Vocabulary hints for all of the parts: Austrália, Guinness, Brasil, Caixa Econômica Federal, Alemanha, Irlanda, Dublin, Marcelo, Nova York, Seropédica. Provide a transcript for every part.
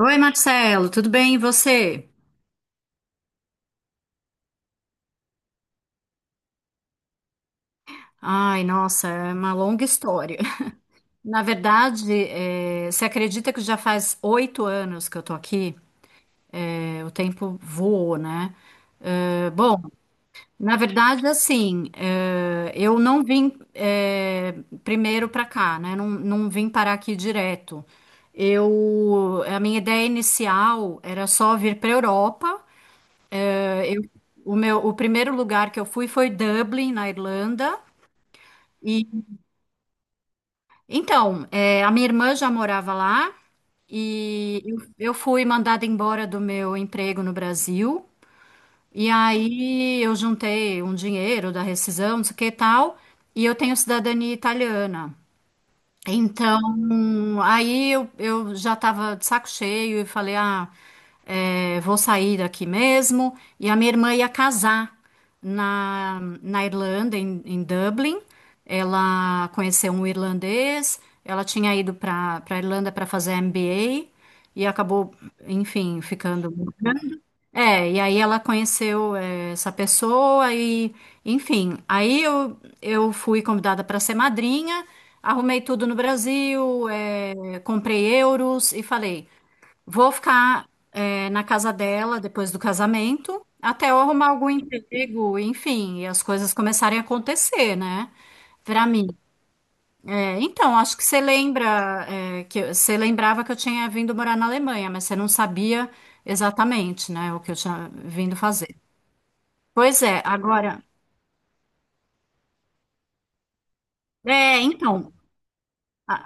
Oi, Marcelo, tudo bem e você? Ai, nossa, é uma longa história. Na verdade, você acredita que já faz 8 anos que eu tô aqui? O tempo voou, né? Bom, na verdade, assim, eu não vim, primeiro para cá, né? Não vim parar aqui direto. Eu, a minha ideia inicial era só vir para Europa. Eu o primeiro lugar que eu fui foi Dublin, na Irlanda. E, então, é, a minha irmã já morava lá e eu fui mandada embora do meu emprego no Brasil. E aí eu juntei um dinheiro da rescisão, não sei o que e tal, e eu tenho cidadania italiana. Então, aí eu já estava de saco cheio e falei, ah, é, vou sair daqui mesmo. E a minha irmã ia casar na Irlanda, em Dublin. Ela conheceu um irlandês, ela tinha ido para Irlanda para fazer MBA e acabou, enfim, ficando. É, e aí ela conheceu essa pessoa e, enfim, aí eu fui convidada para ser madrinha, arrumei tudo no Brasil, comprei euros e falei, vou ficar na casa dela depois do casamento, até eu arrumar algum emprego, enfim, e as coisas começarem a acontecer, né? Para mim. É, então, acho que você lembra, é, você lembrava que eu tinha vindo morar na Alemanha, mas você não sabia exatamente, né, o que eu tinha vindo fazer. Pois é, agora, é, então, a-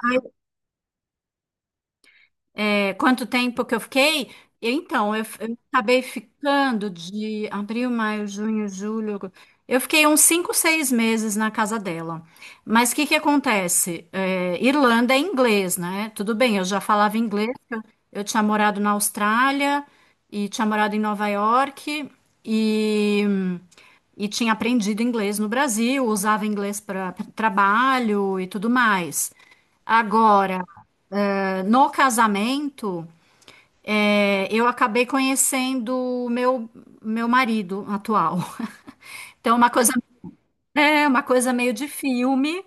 É, quanto tempo que eu fiquei? Então, eu acabei ficando de abril, maio, junho, julho. Eu fiquei uns 5, 6 meses na casa dela. Mas o que que acontece? É, Irlanda é inglês, né? Tudo bem, eu já falava inglês. Eu tinha morado na Austrália e tinha morado em Nova York e, e tinha aprendido inglês no Brasil, usava inglês para trabalho e tudo mais. Agora, no casamento. É, eu acabei conhecendo o meu marido atual. Então, uma coisa, é uma coisa meio de filme.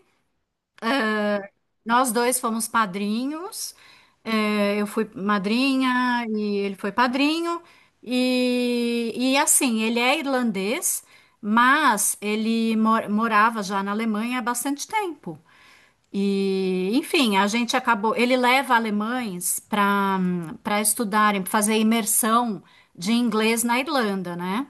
Nós dois fomos padrinhos. É, eu fui madrinha e ele foi padrinho. E assim, ele é irlandês, mas ele morava já na Alemanha há bastante tempo. E, enfim, a gente acabou. Ele leva alemães para estudarem, pra fazer imersão de inglês na Irlanda, né?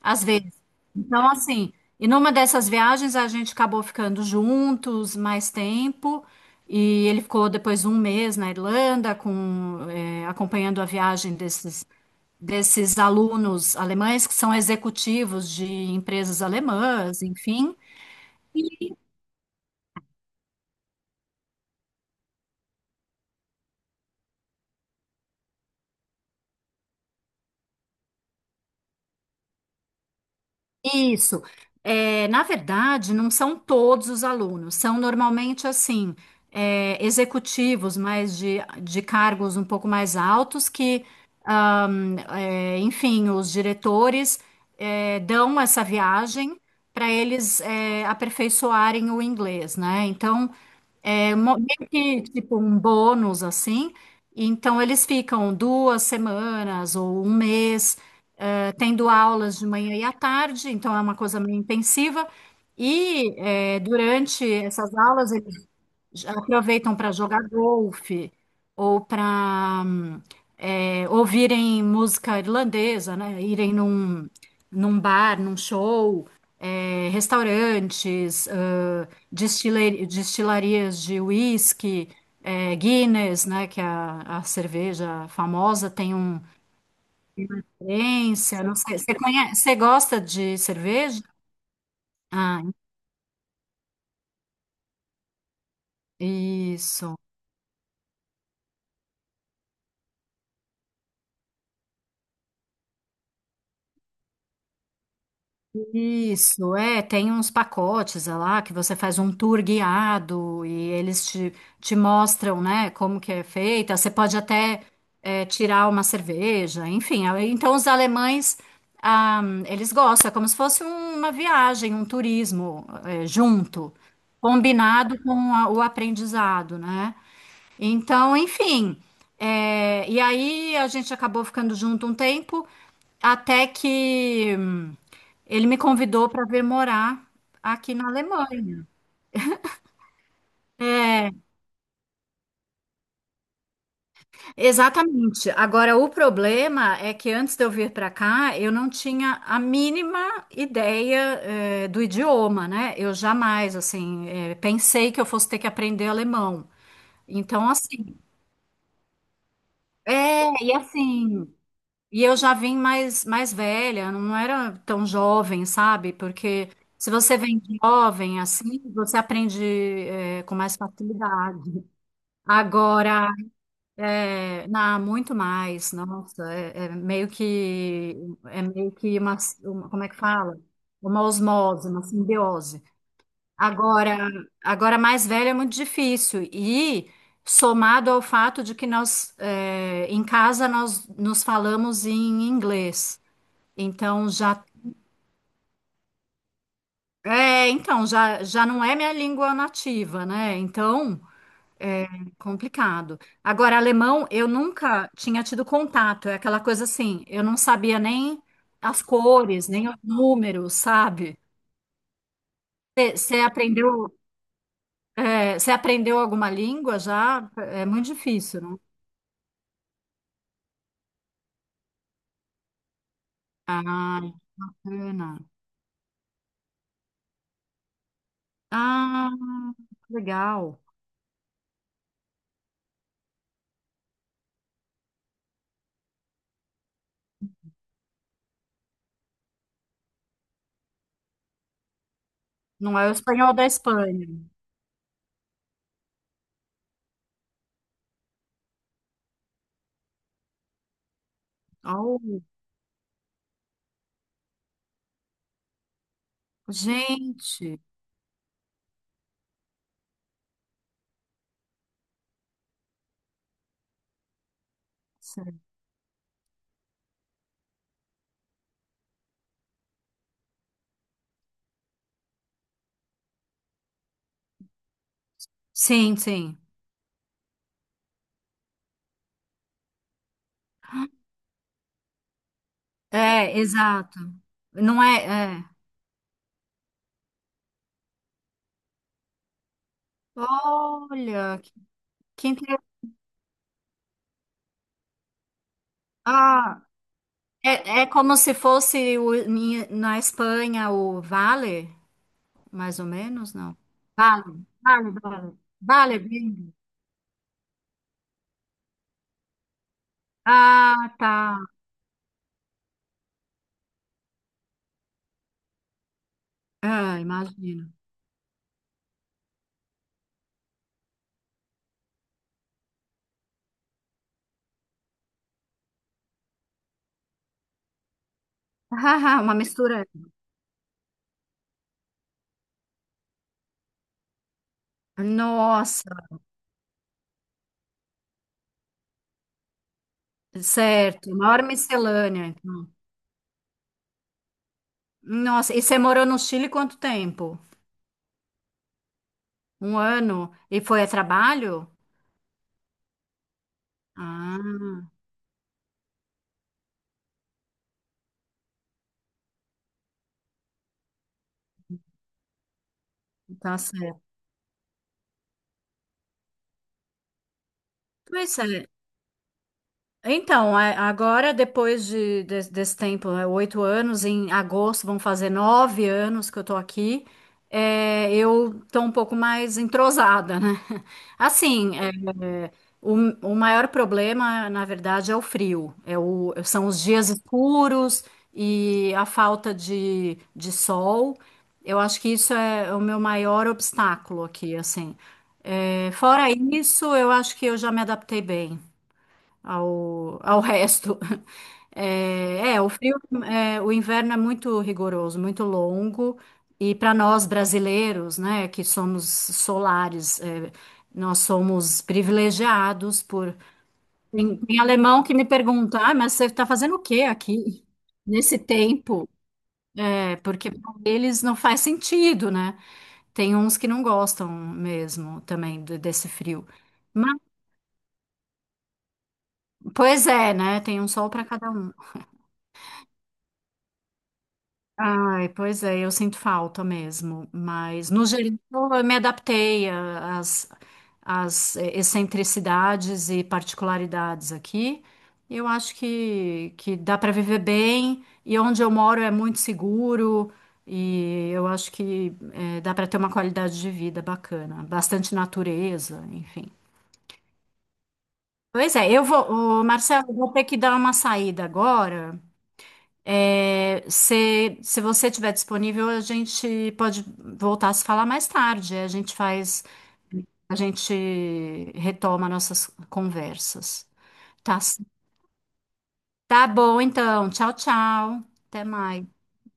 Às vezes. Então, assim, e numa dessas viagens a gente acabou ficando juntos mais tempo. E ele ficou depois 1 mês na Irlanda, com, acompanhando a viagem desses, desses alunos alemães que são executivos de empresas alemãs, enfim. Isso. É, na verdade, não são todos os alunos, são normalmente assim, é, executivos, mas de cargos um pouco mais altos que, é, enfim, os diretores, é, dão essa viagem para eles, é, aperfeiçoarem o inglês, né? Então, é meio que tipo um bônus assim. Então, eles ficam 2 semanas ou 1 mês tendo aulas de manhã e à tarde, então é uma coisa meio intensiva. E durante essas aulas eles já aproveitam para jogar golfe ou para ouvirem música irlandesa, né? Irem num, num bar, num show, restaurantes, destilarias de whisky, Guinness, né? Que é a cerveja famosa tem um Experiência, não sei. Você conhece, você gosta de cerveja? Ah, isso. Isso, é, tem uns pacotes é lá que você faz um tour guiado e eles te, te mostram, né, como que é feita. Você pode até é, tirar uma cerveja, enfim. Aí, então, os alemães, ah, eles gostam, é como se fosse uma viagem, um turismo é, junto, combinado com o aprendizado, né? Então, enfim. É, e aí a gente acabou ficando junto um tempo, até que ele me convidou para vir morar aqui na Alemanha. Exatamente. Agora, o problema é que antes de eu vir para cá, eu não tinha a mínima ideia, do idioma, né? Eu jamais, assim, pensei que eu fosse ter que aprender alemão. Então, assim, é, e assim. E eu já vim mais velha, não era tão jovem, sabe? Porque se você vem jovem assim, você aprende é, com mais facilidade. Agora, é, muito mais, nossa, é, é meio que uma, como é que fala? Uma osmose, uma simbiose. Agora, agora mais velha é muito difícil e somado ao fato de que nós, é, em casa, nós nos falamos em inglês. Então já então já já não é minha língua nativa, né? Então, complicado. Agora, alemão, eu nunca tinha tido contato, é aquela coisa assim, eu não sabia nem as cores, nem os números, sabe? Você aprendeu, você aprendeu alguma língua já? É muito difícil, não? Ah, bacana. Ah, legal. Não é o espanhol da Espanha. Oh, gente. Sim, sim. É, exato. Não é, é. Olha, que inter... Ah, é, é como se fosse na Espanha o Vale, mais ou menos, não? Vale, vale, vale. Vale, bingo. Ah, tá. Ah, imagino. Ah, uma mistura. Nossa, certo. Maior miscelânea, então. Nossa, e você morou no Chile quanto tempo? Um ano? E foi a trabalho? Ah, tá certo. Pois é. Então, é, agora, depois de, desse tempo, né, 8 anos, em agosto vão fazer 9 anos que eu tô aqui, é, eu tô um pouco mais entrosada, né? Assim, é, o, o maior problema, na verdade, é o frio. É são os dias escuros e a falta de sol. Eu acho que isso é o meu maior obstáculo aqui, assim. É, fora isso, eu acho que eu já me adaptei bem ao, ao resto. É, é, o frio, é, o inverno é muito rigoroso, muito longo, e para nós brasileiros, né, que somos solares, é, nós somos privilegiados por. Tem, tem alemão que me pergunta, ah, mas você está fazendo o quê aqui? Nesse tempo, porque para eles não faz sentido, né? Tem uns que não gostam mesmo também desse frio. Mas, pois é, né? Tem um sol para cada um. Ai, pois é, eu sinto falta mesmo, mas no geral eu me adaptei às, às excentricidades e particularidades aqui. Eu acho que dá para viver bem e onde eu moro é muito seguro e eu acho que dá para ter uma qualidade de vida bacana, bastante natureza, enfim. Pois é, eu vou, ô, Marcelo, eu vou ter que dar uma saída agora. É, se você estiver disponível, a gente pode voltar a se falar mais tarde. A gente faz, a gente retoma nossas conversas. Tá, tá bom, então. Tchau, tchau. Até mais.